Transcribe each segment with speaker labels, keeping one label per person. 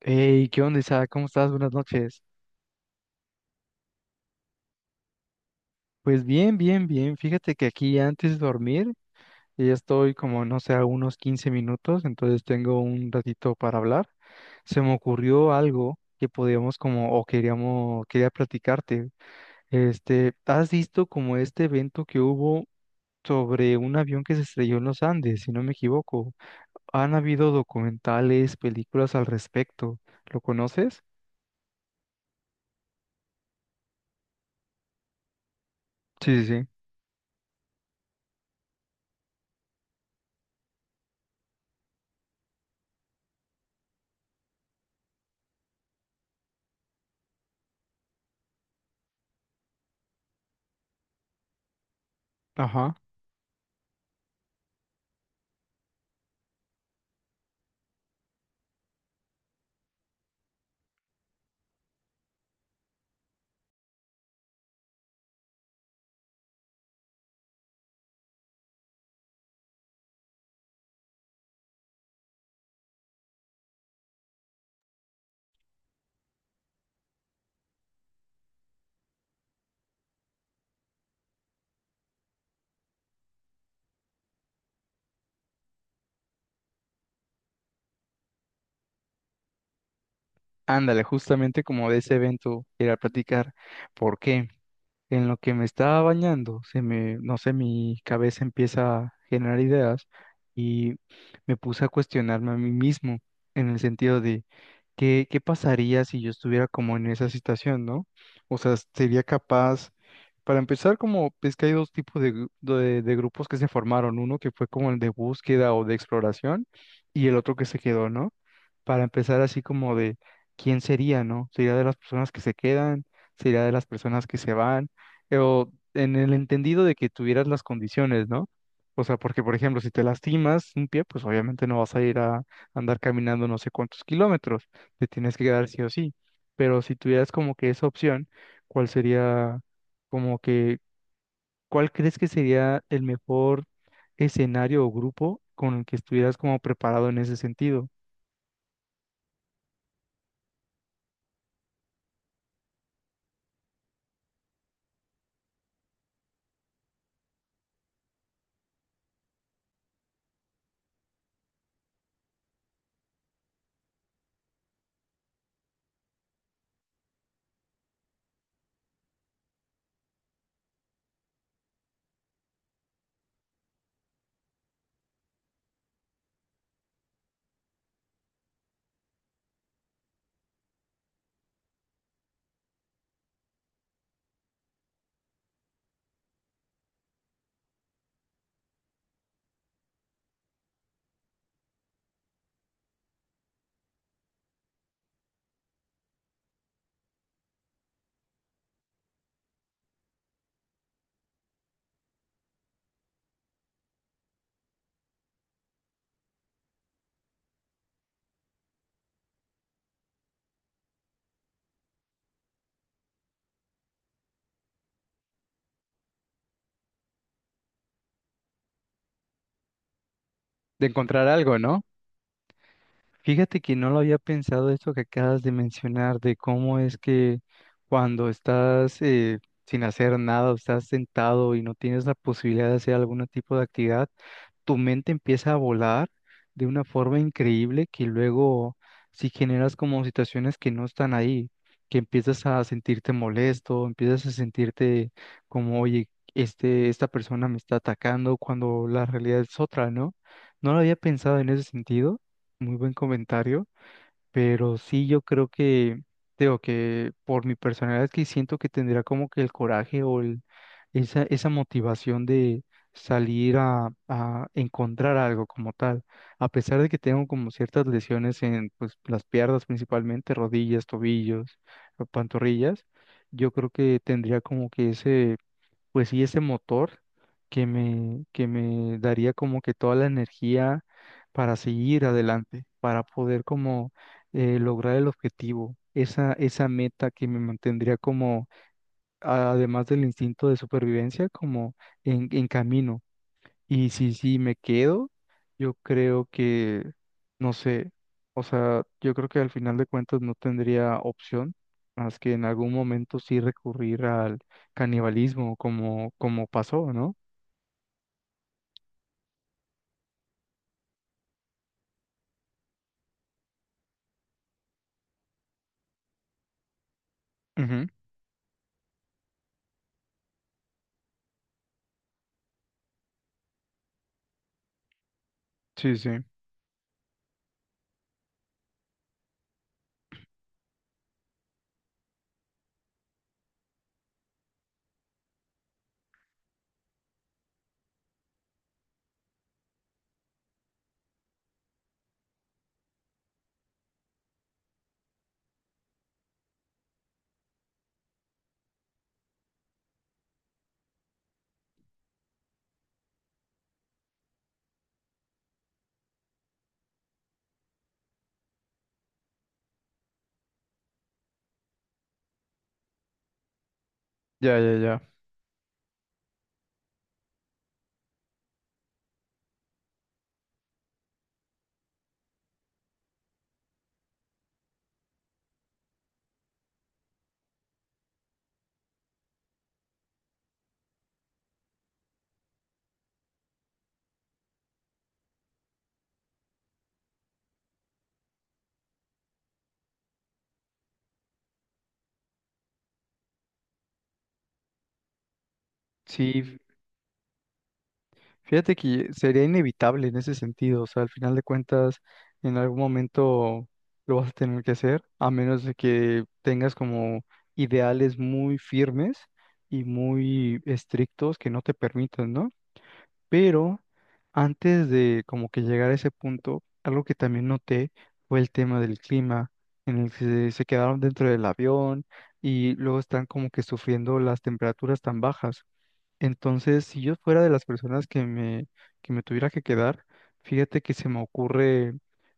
Speaker 1: Hey, ¿qué onda, Isaac? ¿Cómo estás? Buenas noches. Pues bien. Fíjate que aquí antes de dormir ya estoy como, no sé, a unos 15 minutos, entonces tengo un ratito para hablar. Se me ocurrió algo que podíamos como, o queríamos, quería platicarte. ¿Has visto como este evento que hubo sobre un avión que se estrelló en los Andes, si no me equivoco? Han habido documentales, películas al respecto. ¿Lo conoces? Sí, sí, sí. Ajá. Ándale, justamente como de ese evento era platicar, porque en lo que me estaba bañando, se me, no sé, mi cabeza empieza a generar ideas y me puse a cuestionarme a mí mismo en el sentido de ¿Qué pasaría si yo estuviera como en esa situación, ¿no? O sea, sería capaz, para empezar, como es que hay dos tipos de, de grupos que se formaron, uno que fue como el de búsqueda o de exploración y el otro que se quedó, ¿no? Para empezar así como de quién sería, ¿no? ¿Sería de las personas que se quedan? ¿Sería de las personas que se van? O en el entendido de que tuvieras las condiciones, ¿no? O sea, porque por ejemplo, si te lastimas un pie, pues obviamente no vas a ir a andar caminando no sé cuántos kilómetros, te tienes que quedar sí o sí. Pero si tuvieras como que esa opción, ¿cuál sería como que, cuál crees que sería el mejor escenario o grupo con el que estuvieras como preparado en ese sentido? De encontrar algo, ¿no? Fíjate que no lo había pensado esto que acabas de mencionar, de cómo es que cuando estás sin hacer nada o estás sentado y no tienes la posibilidad de hacer algún tipo de actividad, tu mente empieza a volar de una forma increíble que luego si generas como situaciones que no están ahí, que empiezas a sentirte molesto, empiezas a sentirte como, oye, esta persona me está atacando cuando la realidad es otra, ¿no? No lo había pensado en ese sentido. Muy buen comentario, pero sí yo creo que, digo que por mi personalidad es que siento que tendría como que el coraje o el, esa motivación de salir a encontrar algo como tal, a pesar de que tengo como ciertas lesiones en pues, las piernas principalmente, rodillas, tobillos, pantorrillas, yo creo que tendría como que ese pues sí, ese motor que me daría como que toda la energía para seguir adelante, para poder como lograr el objetivo, esa meta que me mantendría como, además del instinto de supervivencia, como en camino. Y si sí me quedo, yo creo que, no sé, o sea, yo creo que al final de cuentas no tendría opción más que en algún momento sí recurrir al canibalismo como, como pasó, ¿no? Ujú. Sí, sí, ya, ya, ya. Sí, fíjate que sería inevitable en ese sentido, o sea, al final de cuentas, en algún momento lo vas a tener que hacer, a menos de que tengas como ideales muy firmes y muy estrictos que no te permitan, ¿no? Pero antes de como que llegar a ese punto, algo que también noté fue el tema del clima, en el que se quedaron dentro del avión y luego están como que sufriendo las temperaturas tan bajas. Entonces, si yo fuera de las personas que me tuviera que quedar, fíjate que se me ocurre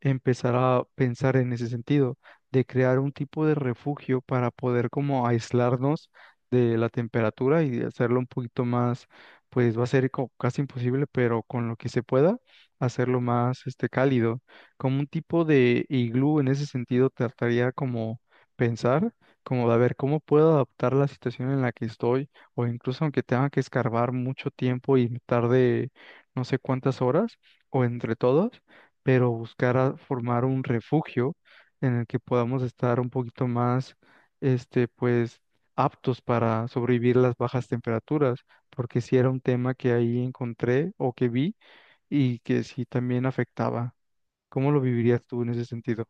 Speaker 1: empezar a pensar en ese sentido, de crear un tipo de refugio para poder como aislarnos de la temperatura y hacerlo un poquito más, pues va a ser casi imposible, pero con lo que se pueda, hacerlo más cálido, como un tipo de iglú en ese sentido, trataría como pensar, como de a ver cómo puedo adaptar la situación en la que estoy o incluso aunque tenga que escarbar mucho tiempo y me tarde no sé cuántas horas, o entre todos, pero buscar a formar un refugio en el que podamos estar un poquito más, pues, aptos para sobrevivir las bajas temperaturas, porque sí era un tema que ahí encontré o que vi y que sí también afectaba. ¿Cómo lo vivirías tú en ese sentido?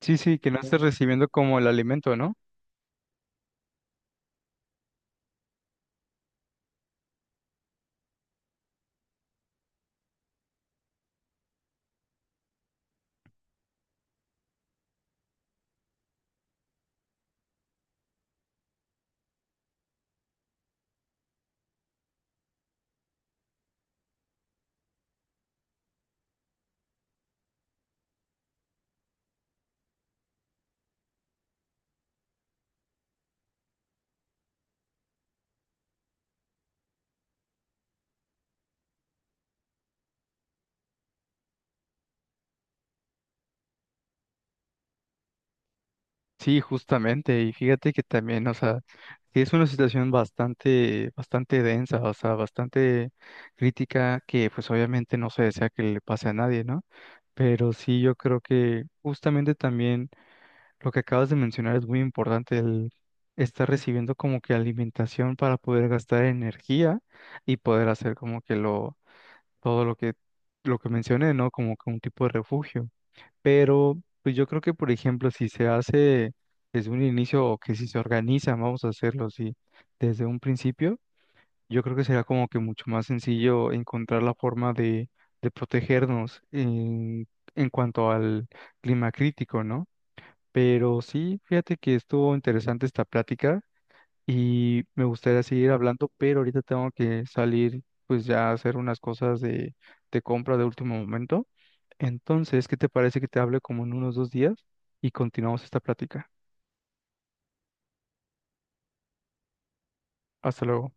Speaker 1: Sí, sí, que no estés recibiendo como el alimento, ¿no? Sí, justamente, y fíjate que también, o sea, sí es una situación bastante densa, o sea, bastante crítica, que pues obviamente no se desea que le pase a nadie, ¿no? Pero sí, yo creo que justamente también lo que acabas de mencionar es muy importante, el estar recibiendo como que alimentación para poder gastar energía y poder hacer como que todo lo que mencioné, ¿no? Como que un tipo de refugio. Pero pues yo creo que, por ejemplo, si se hace desde un inicio o que si se organiza, vamos a hacerlo así, desde un principio, yo creo que será como que mucho más sencillo encontrar la forma de protegernos en cuanto al clima crítico, ¿no? Pero sí, fíjate que estuvo interesante esta plática y me gustaría seguir hablando, pero ahorita tengo que salir pues ya a hacer unas cosas de compra de último momento. Entonces, ¿qué te parece que te hable como en unos 2 días y continuamos esta plática? Hasta luego.